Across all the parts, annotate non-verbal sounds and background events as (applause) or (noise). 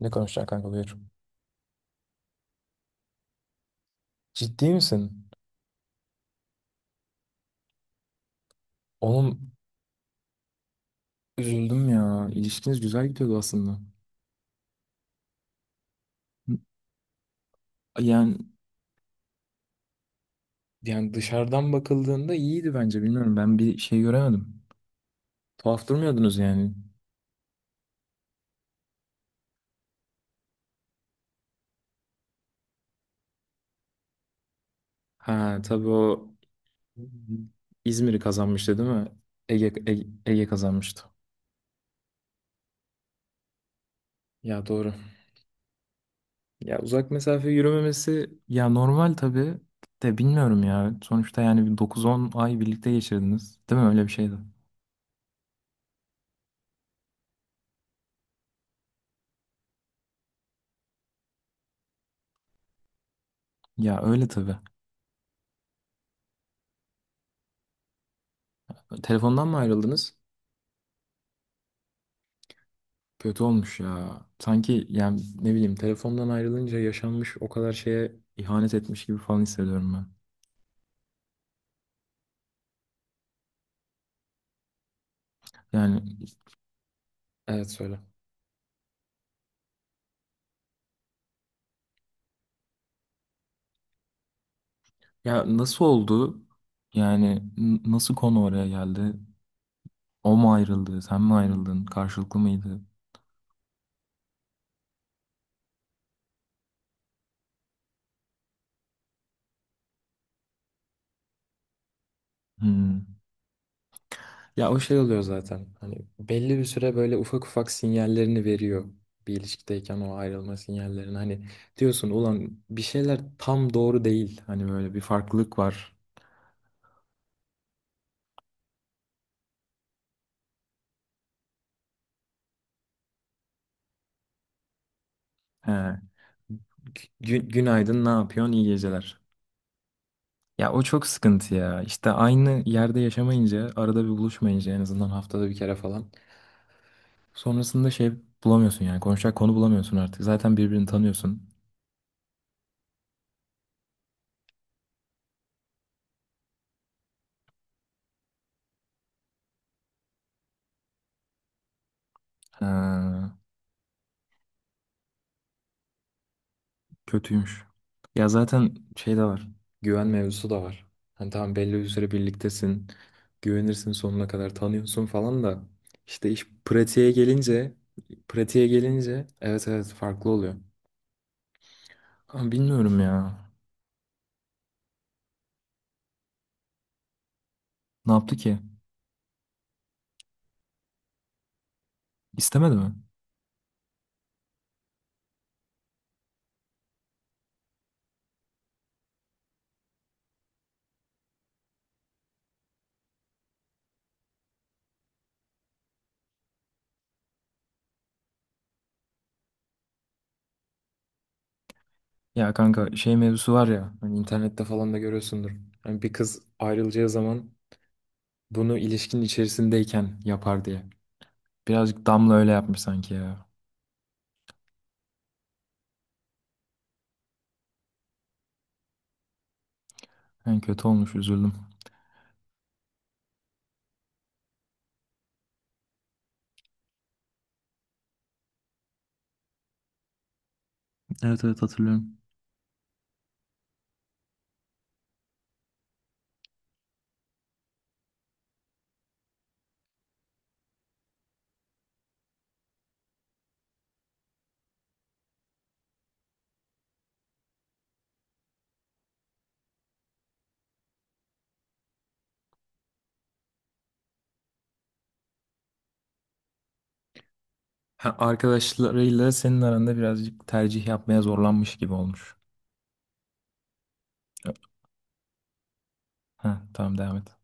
Ne konuşacaksın kanka, buyur. Ciddi misin? Oğlum, üzüldüm ya. İlişkiniz güzel gidiyordu aslında. Yani yani dışarıdan bakıldığında iyiydi bence, bilmiyorum. Ben bir şey göremedim. Tuhaf durmuyordunuz yani. Ha, tabii o İzmir'i kazanmıştı değil mi? Ege, Ege, Ege kazanmıştı. Ya doğru. Ya uzak mesafe yürümemesi ya, normal tabii de bilmiyorum ya. Sonuçta yani bir 9-10 ay birlikte geçirdiniz. Değil mi? Öyle bir şeydi. Ya öyle tabii. Telefondan mı ayrıldınız? Kötü olmuş ya. Sanki yani ne bileyim, telefondan ayrılınca yaşanmış o kadar şeye ihanet etmiş gibi falan hissediyorum ben. Yani evet, söyle. Ya nasıl oldu? Yani nasıl konu oraya geldi? O mu ayrıldı? Sen mi ayrıldın? Karşılıklı mıydı? Hmm. Ya o şey oluyor zaten. Hani belli bir süre böyle ufak ufak sinyallerini veriyor. Bir ilişkideyken o ayrılma sinyallerini. Hani diyorsun, ulan bir şeyler tam doğru değil. Hani böyle bir farklılık var. He, günaydın, ne yapıyorsun, iyi geceler. Ya o çok sıkıntı ya. İşte aynı yerde yaşamayınca, arada bir buluşmayınca en azından haftada bir kere falan. Sonrasında şey, bulamıyorsun yani, konuşacak konu bulamıyorsun artık. Zaten birbirini tanıyorsun. Ha, kötüymüş. Ya zaten şey de var. Güven mevzusu da var. Hani tamam, belli bir süre birliktesin. Güvenirsin, sonuna kadar tanıyorsun falan da. İşte iş pratiğe gelince, pratiğe gelince evet evet, farklı oluyor. Ama bilmiyorum ya. Ne yaptı ki? İstemedi mi? Ya kanka, şey mevzusu var ya, hani internette falan da görüyorsundur. Hani bir kız ayrılacağı zaman bunu ilişkinin içerisindeyken yapar diye. Birazcık Damla öyle yapmış sanki ya. Yani kötü olmuş, üzüldüm. Evet evet, hatırlıyorum. Ha, arkadaşlarıyla senin aranda birazcık tercih yapmaya zorlanmış gibi olmuş. Ha, tamam, devam et.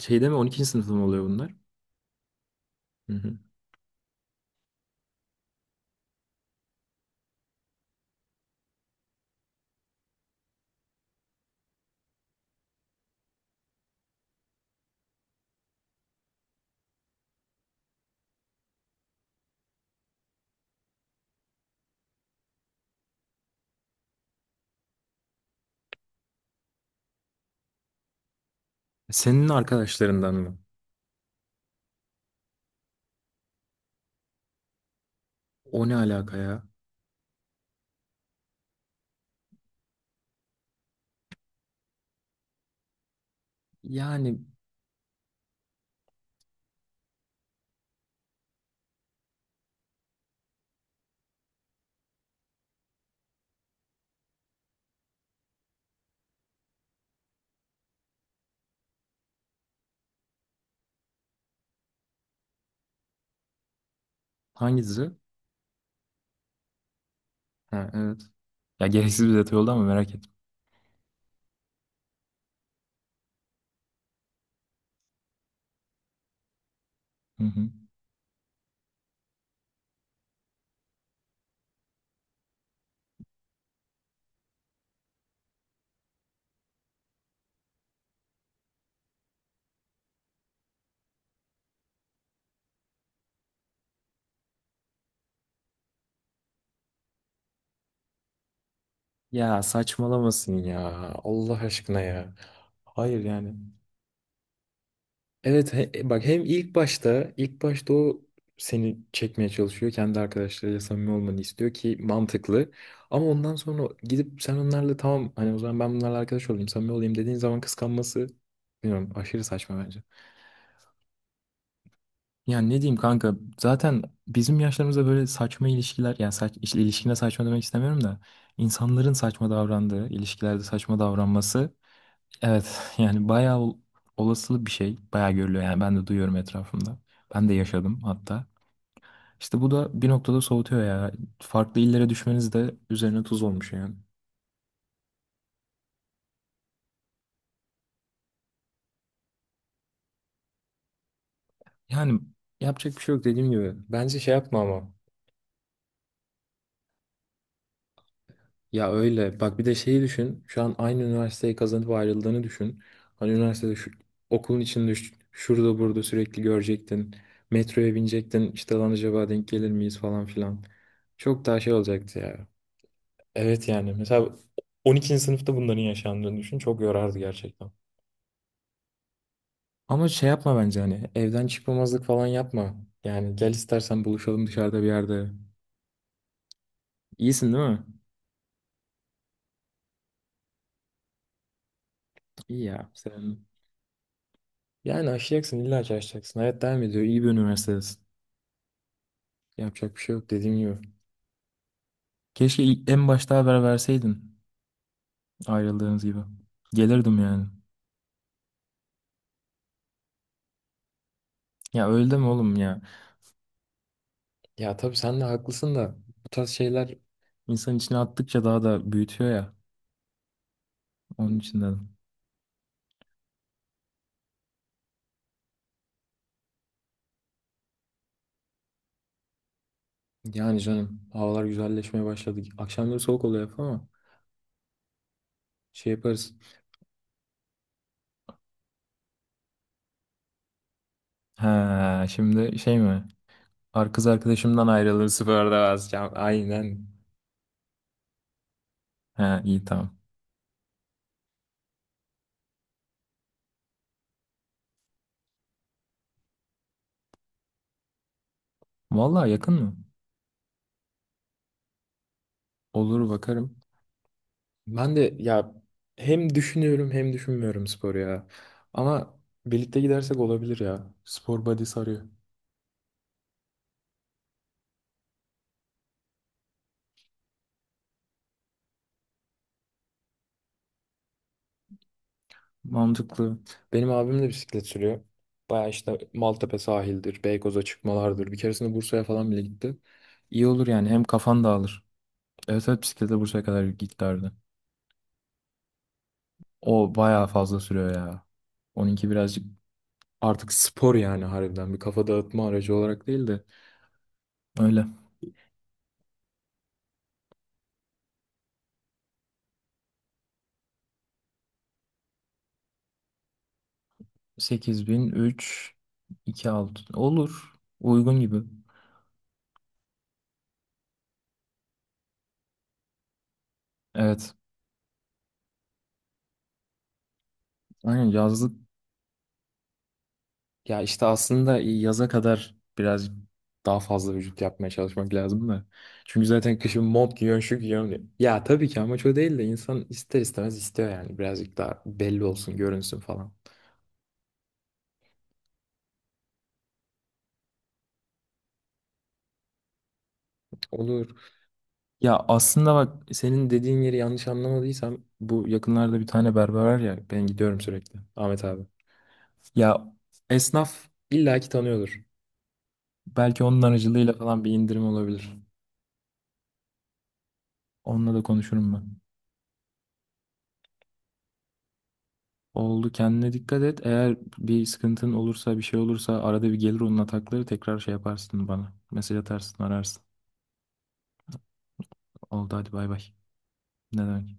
Şeyde mi, 12. sınıfta mı oluyor bunlar? Hı hı. Senin arkadaşlarından mı? O ne alaka ya? Yani hangisi? Ha, evet. Ya gereksiz bir detay oldu ama merak ettim. Hı hı. Ya saçmalamasın ya. Allah aşkına ya. Hayır yani. Evet, bak hem ilk başta o seni çekmeye çalışıyor. Kendi arkadaşlarıyla samimi olmanı istiyor ki mantıklı. Ama ondan sonra gidip sen onlarla tamam, hani o zaman ben bunlarla arkadaş olayım, samimi olayım dediğin zaman kıskanması, bilmiyorum, aşırı saçma bence. Yani ne diyeyim kanka, zaten bizim yaşlarımızda böyle saçma ilişkiler, yani işte ilişkine saçma demek istemiyorum da insanların saçma davrandığı ilişkilerde saçma davranması evet (laughs) yani bayağı olasılı bir şey, bayağı görülüyor yani, ben de duyuyorum etrafımda, ben de yaşadım hatta. İşte bu da bir noktada soğutuyor ya, farklı illere düşmeniz de üzerine tuz olmuş yani. Yani yapacak bir şey yok dediğim gibi, bence şey yapma ama. Ya öyle. Bak, bir de şeyi düşün. Şu an aynı üniversiteyi kazanıp ayrıldığını düşün. Hani üniversitede şu, okulun içinde şurada burada sürekli görecektin. Metroya binecektin. İşte lan acaba denk gelir miyiz falan filan. Çok daha şey olacaktı ya. Evet yani. Mesela 12. sınıfta bunların yaşandığını düşün. Çok yorardı gerçekten. Ama şey yapma bence, hani evden çıkmamazlık falan yapma. Yani gel, istersen buluşalım dışarıda bir yerde. İyisin değil mi? İyi ya. Sen... Yani aşacaksın, illa ki aşacaksın. Hayat devam ediyor. İyi bir üniversitedesin. Yapacak bir şey yok dediğim gibi. Keşke en başta haber verseydin, ayrıldığınız gibi. Gelirdim yani. Ya öyle deme oğlum ya. Ya tabii sen de haklısın da, bu tarz şeyler İnsan içine attıkça daha da büyütüyor ya. Onun için dedim. Yani canım, havalar güzelleşmeye başladı. Akşamları soğuk oluyor hep ama şey yaparız. Ha, şimdi şey mi? Kız arkadaşımdan ayrılır sıfırda. Ya, aynen. Ha, iyi tamam. Vallahi yakın mı? Olur, bakarım. Ben de ya, hem düşünüyorum hem düşünmüyorum spor ya. Ama birlikte gidersek olabilir ya. Spor body sarıyor. Mantıklı. Benim abim de bisiklet sürüyor. Baya işte Maltepe sahildir, Beykoz'a çıkmalardır. Bir keresinde Bursa'ya falan bile gitti. İyi olur yani, hem kafan dağılır. Evet evet, bisikletle Bursa'ya kadar giderdi. O baya fazla sürüyor ya. Onunki birazcık artık spor yani, harbiden bir kafa dağıtma aracı olarak değil de. Öyle. 8003 26 olur. Uygun gibi. Evet. Aynen, yazlık. Ya işte aslında yaza kadar biraz daha fazla vücut yapmaya çalışmak lazım da. Çünkü zaten kışın mont giyiyorsun, şu giyiyorsun diye. Ya tabii ki amaç o değil de insan ister istemez istiyor yani. Birazcık daha belli olsun, görünsün falan. Olur. Ya aslında bak, senin dediğin yeri yanlış anlamadıysam bu yakınlarda bir tane berber var ya, ben gidiyorum sürekli. Ahmet abi. Ya esnaf illaki tanıyordur. Belki onun aracılığıyla falan bir indirim olabilir. Onunla da konuşurum ben. Oldu, kendine dikkat et. Eğer bir sıkıntın olursa, bir şey olursa, arada bir gelir onun atakları tekrar, şey yaparsın bana. Mesaj atarsın, ararsın. Oldu, hadi bay bay. Ne demek.